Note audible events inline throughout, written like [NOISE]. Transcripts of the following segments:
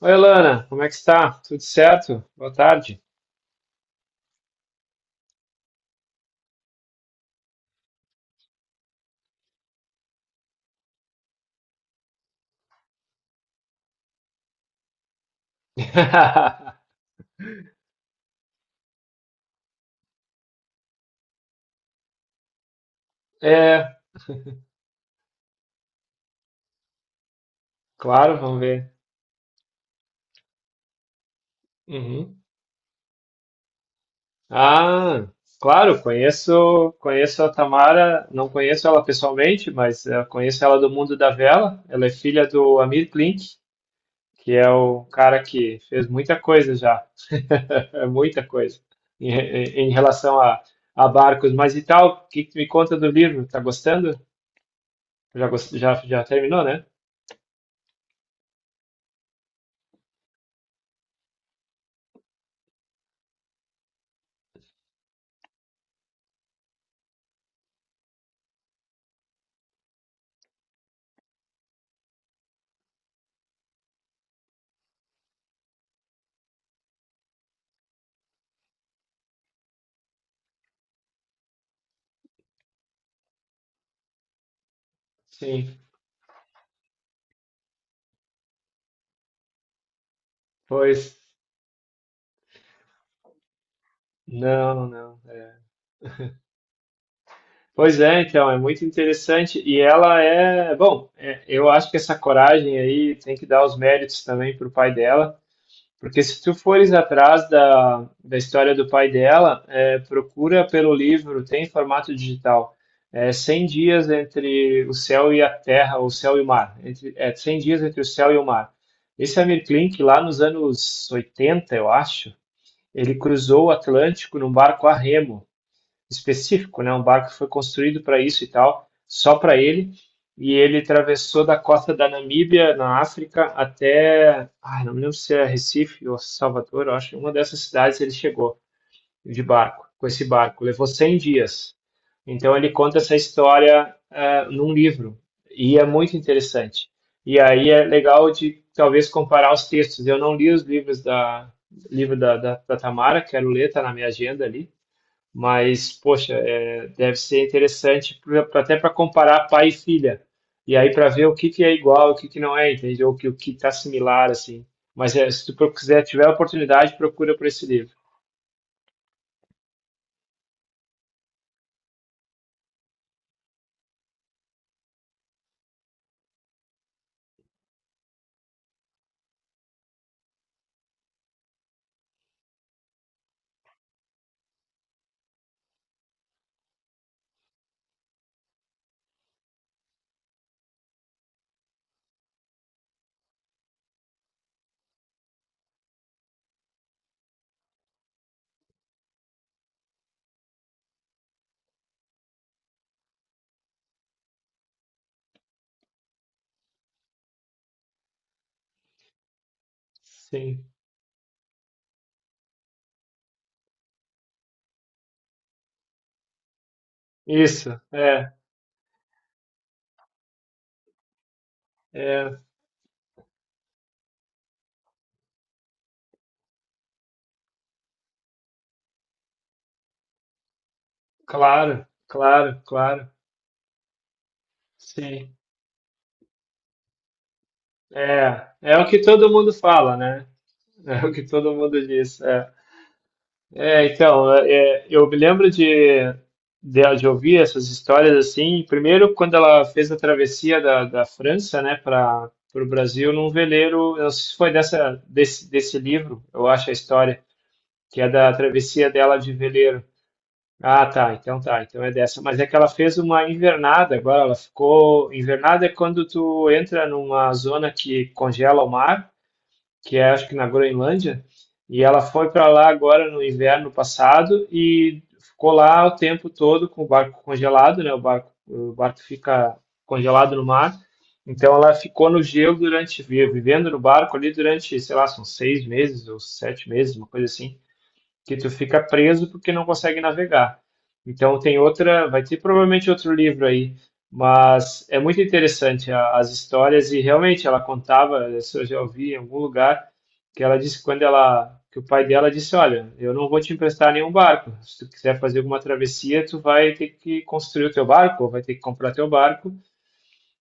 Oi, Lana, como é que está? Tudo certo? Boa tarde. [LAUGHS] É, claro, vamos ver. Uhum. Ah, claro, conheço a Tamara, não conheço ela pessoalmente, mas conheço ela do mundo da vela. Ela é filha do Amir Klink, que é o cara que fez muita coisa já, [LAUGHS] muita coisa em relação a, barcos. Mas e tal, o que que me conta do livro? Tá gostando? Já, terminou, né? Sim, pois. Não, não. é. Pois é, então, é muito interessante. E ela é, bom, é, eu acho que essa coragem aí tem que dar os méritos também para o pai dela, porque se tu fores atrás da história do pai dela, é, procura pelo livro, tem em formato digital. É 100 dias entre o céu e a terra, o céu e o mar. Entre, é 100 dias entre o céu e o mar. Esse Amir Klink, lá nos anos 80, eu acho, ele cruzou o Atlântico num barco a remo, específico, né? Um barco que foi construído para isso e tal, só para ele. E ele atravessou da costa da Namíbia, na África, até, ai, não me lembro se é Recife ou Salvador, eu acho que uma dessas cidades ele chegou de barco, com esse barco. Levou 100 dias. Então ele conta essa história num livro, e é muito interessante. E aí é legal de talvez comparar os textos. Eu não li os livros da livro da Tamara, quero ler, tá na minha agenda ali. Mas, poxa, é, deve ser interessante até para comparar pai e filha. E aí para ver o que que é igual, o que que não é, entende? Ou o que está similar, assim. Mas é, se tu quiser, tiver a oportunidade, procura por esse livro. Sim. Isso, é, é, claro, claro, claro. Sim. É, é o que todo mundo fala, né? É o que todo mundo diz. É. É, então, é, é, eu me lembro de, de ouvir essas histórias assim. Primeiro, quando ela fez a travessia da França, né, para o Brasil, num veleiro. Eu não sei se foi dessa, desse livro, eu acho a história, que é da travessia dela de veleiro. Ah, tá, então é dessa. Mas é que ela fez uma invernada agora, ela ficou. Invernada é quando tu entra numa zona que congela o mar que é acho que na Groenlândia, e ela foi para lá agora no inverno passado e ficou lá o tempo todo com o barco congelado, né? O barco fica congelado no mar. Então ela ficou no gelo durante, vivendo no barco ali durante, sei lá, são 6 meses ou 7 meses, uma coisa assim que tu fica preso porque não consegue navegar. Então tem outra, vai ter provavelmente outro livro aí, mas é muito interessante as histórias e realmente ela contava, isso eu já ouvi em algum lugar, que ela disse que quando ela, que o pai dela disse, olha, eu não vou te emprestar nenhum barco. Se tu quiser fazer alguma travessia, tu vai ter que construir o teu barco, ou vai ter que comprar teu barco.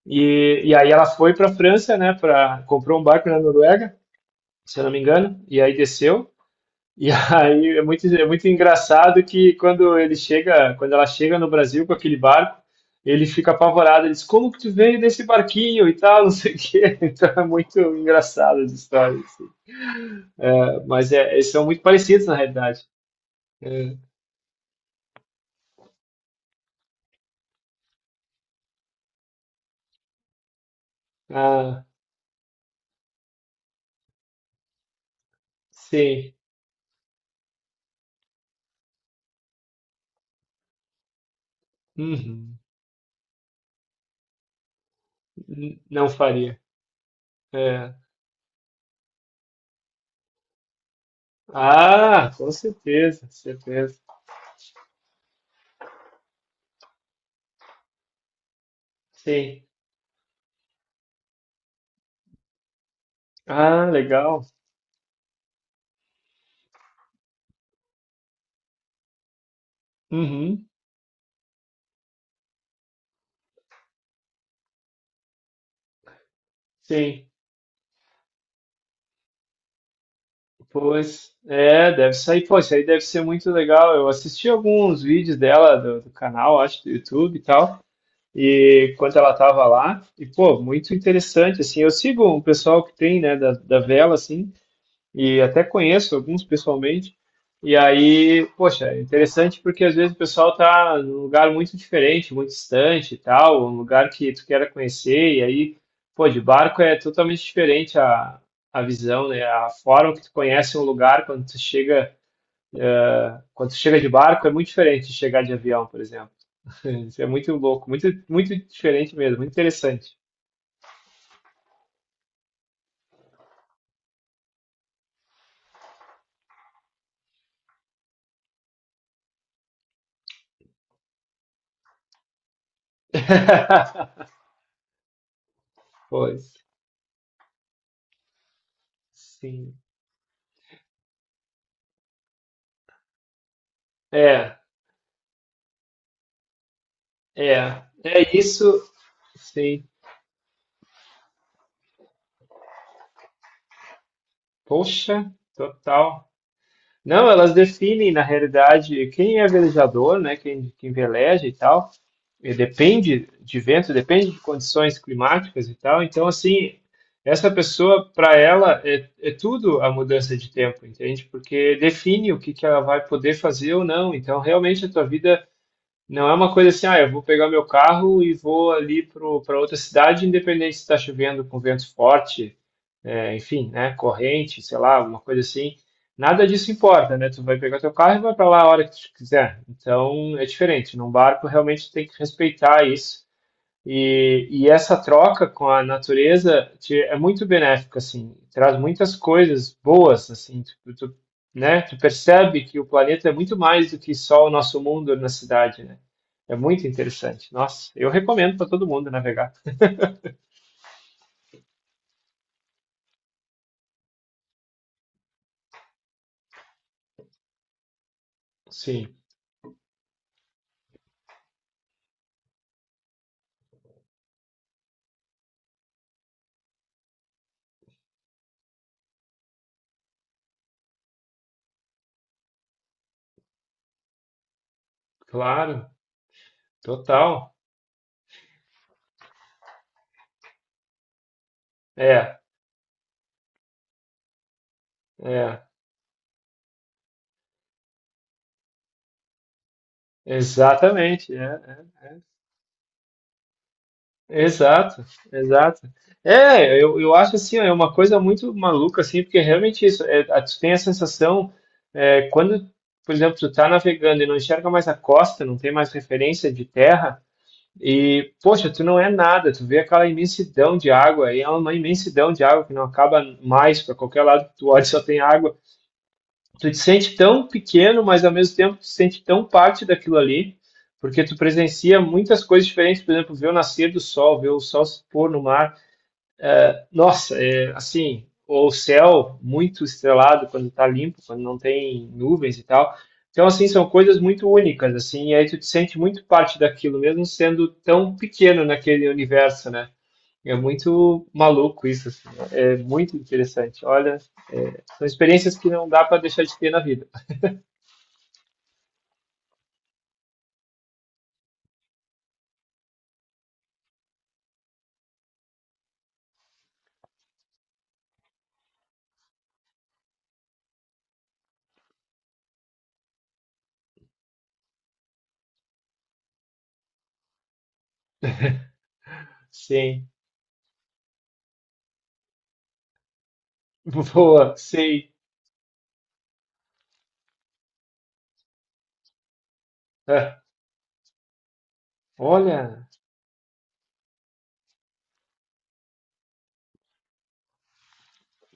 E aí ela foi para a França, né, para comprou um barco na Noruega, se eu não me engano, e aí desceu e aí é muito engraçado que quando ele chega, quando ela chega no Brasil com aquele barco, ele fica apavorado, ele diz, como que tu veio nesse barquinho e tal, [LAUGHS] não sei o quê. [LAUGHS] Então é muito engraçado as histórias. É, mas é, eles são muito parecidos na realidade. É. Ah, sim. Uhum. Não faria. É. Ah, com certeza, certeza. Sim. Ah, legal. Uhum. Sim. Pois, é, deve sair. Pô, isso aí deve ser muito legal. Eu assisti alguns vídeos dela do, do canal, acho, do YouTube e tal, e quando ela tava lá, e pô, muito interessante, assim. Eu sigo um pessoal que tem, né, da vela, assim e até conheço alguns pessoalmente. E aí, poxa, é interessante porque às vezes o pessoal tá num lugar muito diferente, muito distante e tal, um lugar que tu queira conhecer, e aí, pô, de barco é totalmente diferente a visão, né? A forma que tu conhece um lugar quando tu chega de barco é muito diferente de chegar de avião, por exemplo. [LAUGHS] Isso é muito louco, muito, muito diferente mesmo, muito interessante. [LAUGHS] Pois, sim. É, é, é isso, sim. Poxa, total. Não, elas definem, na realidade, quem é velejador, né? Quem, quem veleja e tal. E depende de vento, depende de condições climáticas e tal. Então, assim, essa pessoa, para ela, é, é tudo a mudança de tempo, entende? Porque define o que que ela vai poder fazer ou não. Então, realmente, a tua vida não é uma coisa assim, ah, eu vou pegar meu carro e vou ali para outra cidade, independente se está chovendo com vento forte, é, enfim, né, corrente, sei lá, alguma coisa assim. Nada disso importa, né? Tu vai pegar teu carro e vai para lá a hora que tu quiser. Então é diferente. Num barco realmente tem que respeitar isso. E essa troca com a natureza te- é muito benéfica, assim. Traz muitas coisas boas, assim. Tu, né? Tu percebe que o planeta é muito mais do que só o nosso mundo na cidade, né? É muito interessante. Nossa, eu recomendo para todo mundo navegar. Sim, claro, total. É, É, exatamente, é, é, é. Exato, exato. É, eu acho assim, ó, é uma coisa muito maluca, assim, porque é realmente isso, é, tu tem a sensação, quando, por exemplo, tu tá navegando e não enxerga mais a costa, não tem mais referência de terra, e, poxa, tu não é nada, tu vê aquela imensidão de água, e é uma imensidão de água que não acaba mais, para qualquer lado que tu olha só tem água, tu te sente tão pequeno, mas ao mesmo tempo tu te sente tão parte daquilo ali, porque tu presencia muitas coisas diferentes, por exemplo, ver o nascer do sol, ver o sol se pôr no mar. Nossa, é assim, o céu muito estrelado quando está limpo, quando não tem nuvens e tal. Então, assim, são coisas muito únicas, assim, e aí tu te sente muito parte daquilo, mesmo sendo tão pequeno naquele universo, né? É muito maluco isso, assim, é muito interessante. Olha, é, são experiências que não dá para deixar de ter na vida. Sim, [LAUGHS] boa, sei. É. Olha,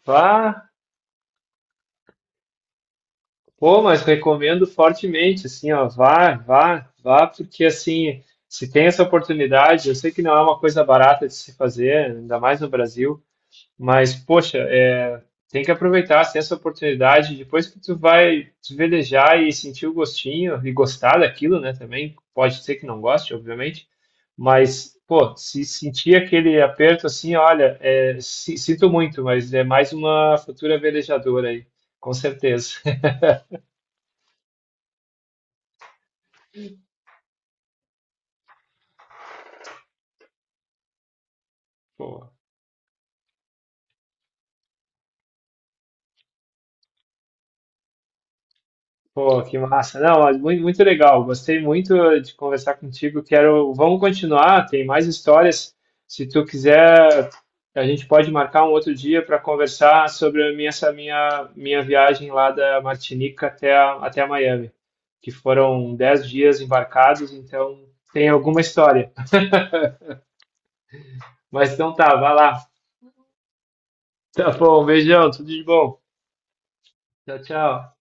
vá, pô, mas recomendo fortemente, assim, ó, vá, vá, vá, porque assim, se tem essa oportunidade, eu sei que não é uma coisa barata de se fazer, ainda mais no Brasil, mas, poxa, é, tem que aproveitar assim, essa oportunidade. Depois que tu vai se velejar e sentir o gostinho e gostar daquilo, né? Também pode ser que não goste, obviamente, mas, pô, se sentir aquele aperto assim, olha, é, sinto muito, mas é mais uma futura velejadora aí, com certeza. [LAUGHS] Pô, que massa. Não, mas muito, muito legal. Gostei muito de conversar contigo. Quero, vamos continuar, tem mais histórias. Se tu quiser, a gente pode marcar um outro dia para conversar sobre a minha, essa minha viagem lá da Martinica até, até a Miami, que foram 10 dias embarcados, então tem alguma história. Mas então tá, vai lá. Tá bom, beijão, tudo de bom. Tchau, tchau.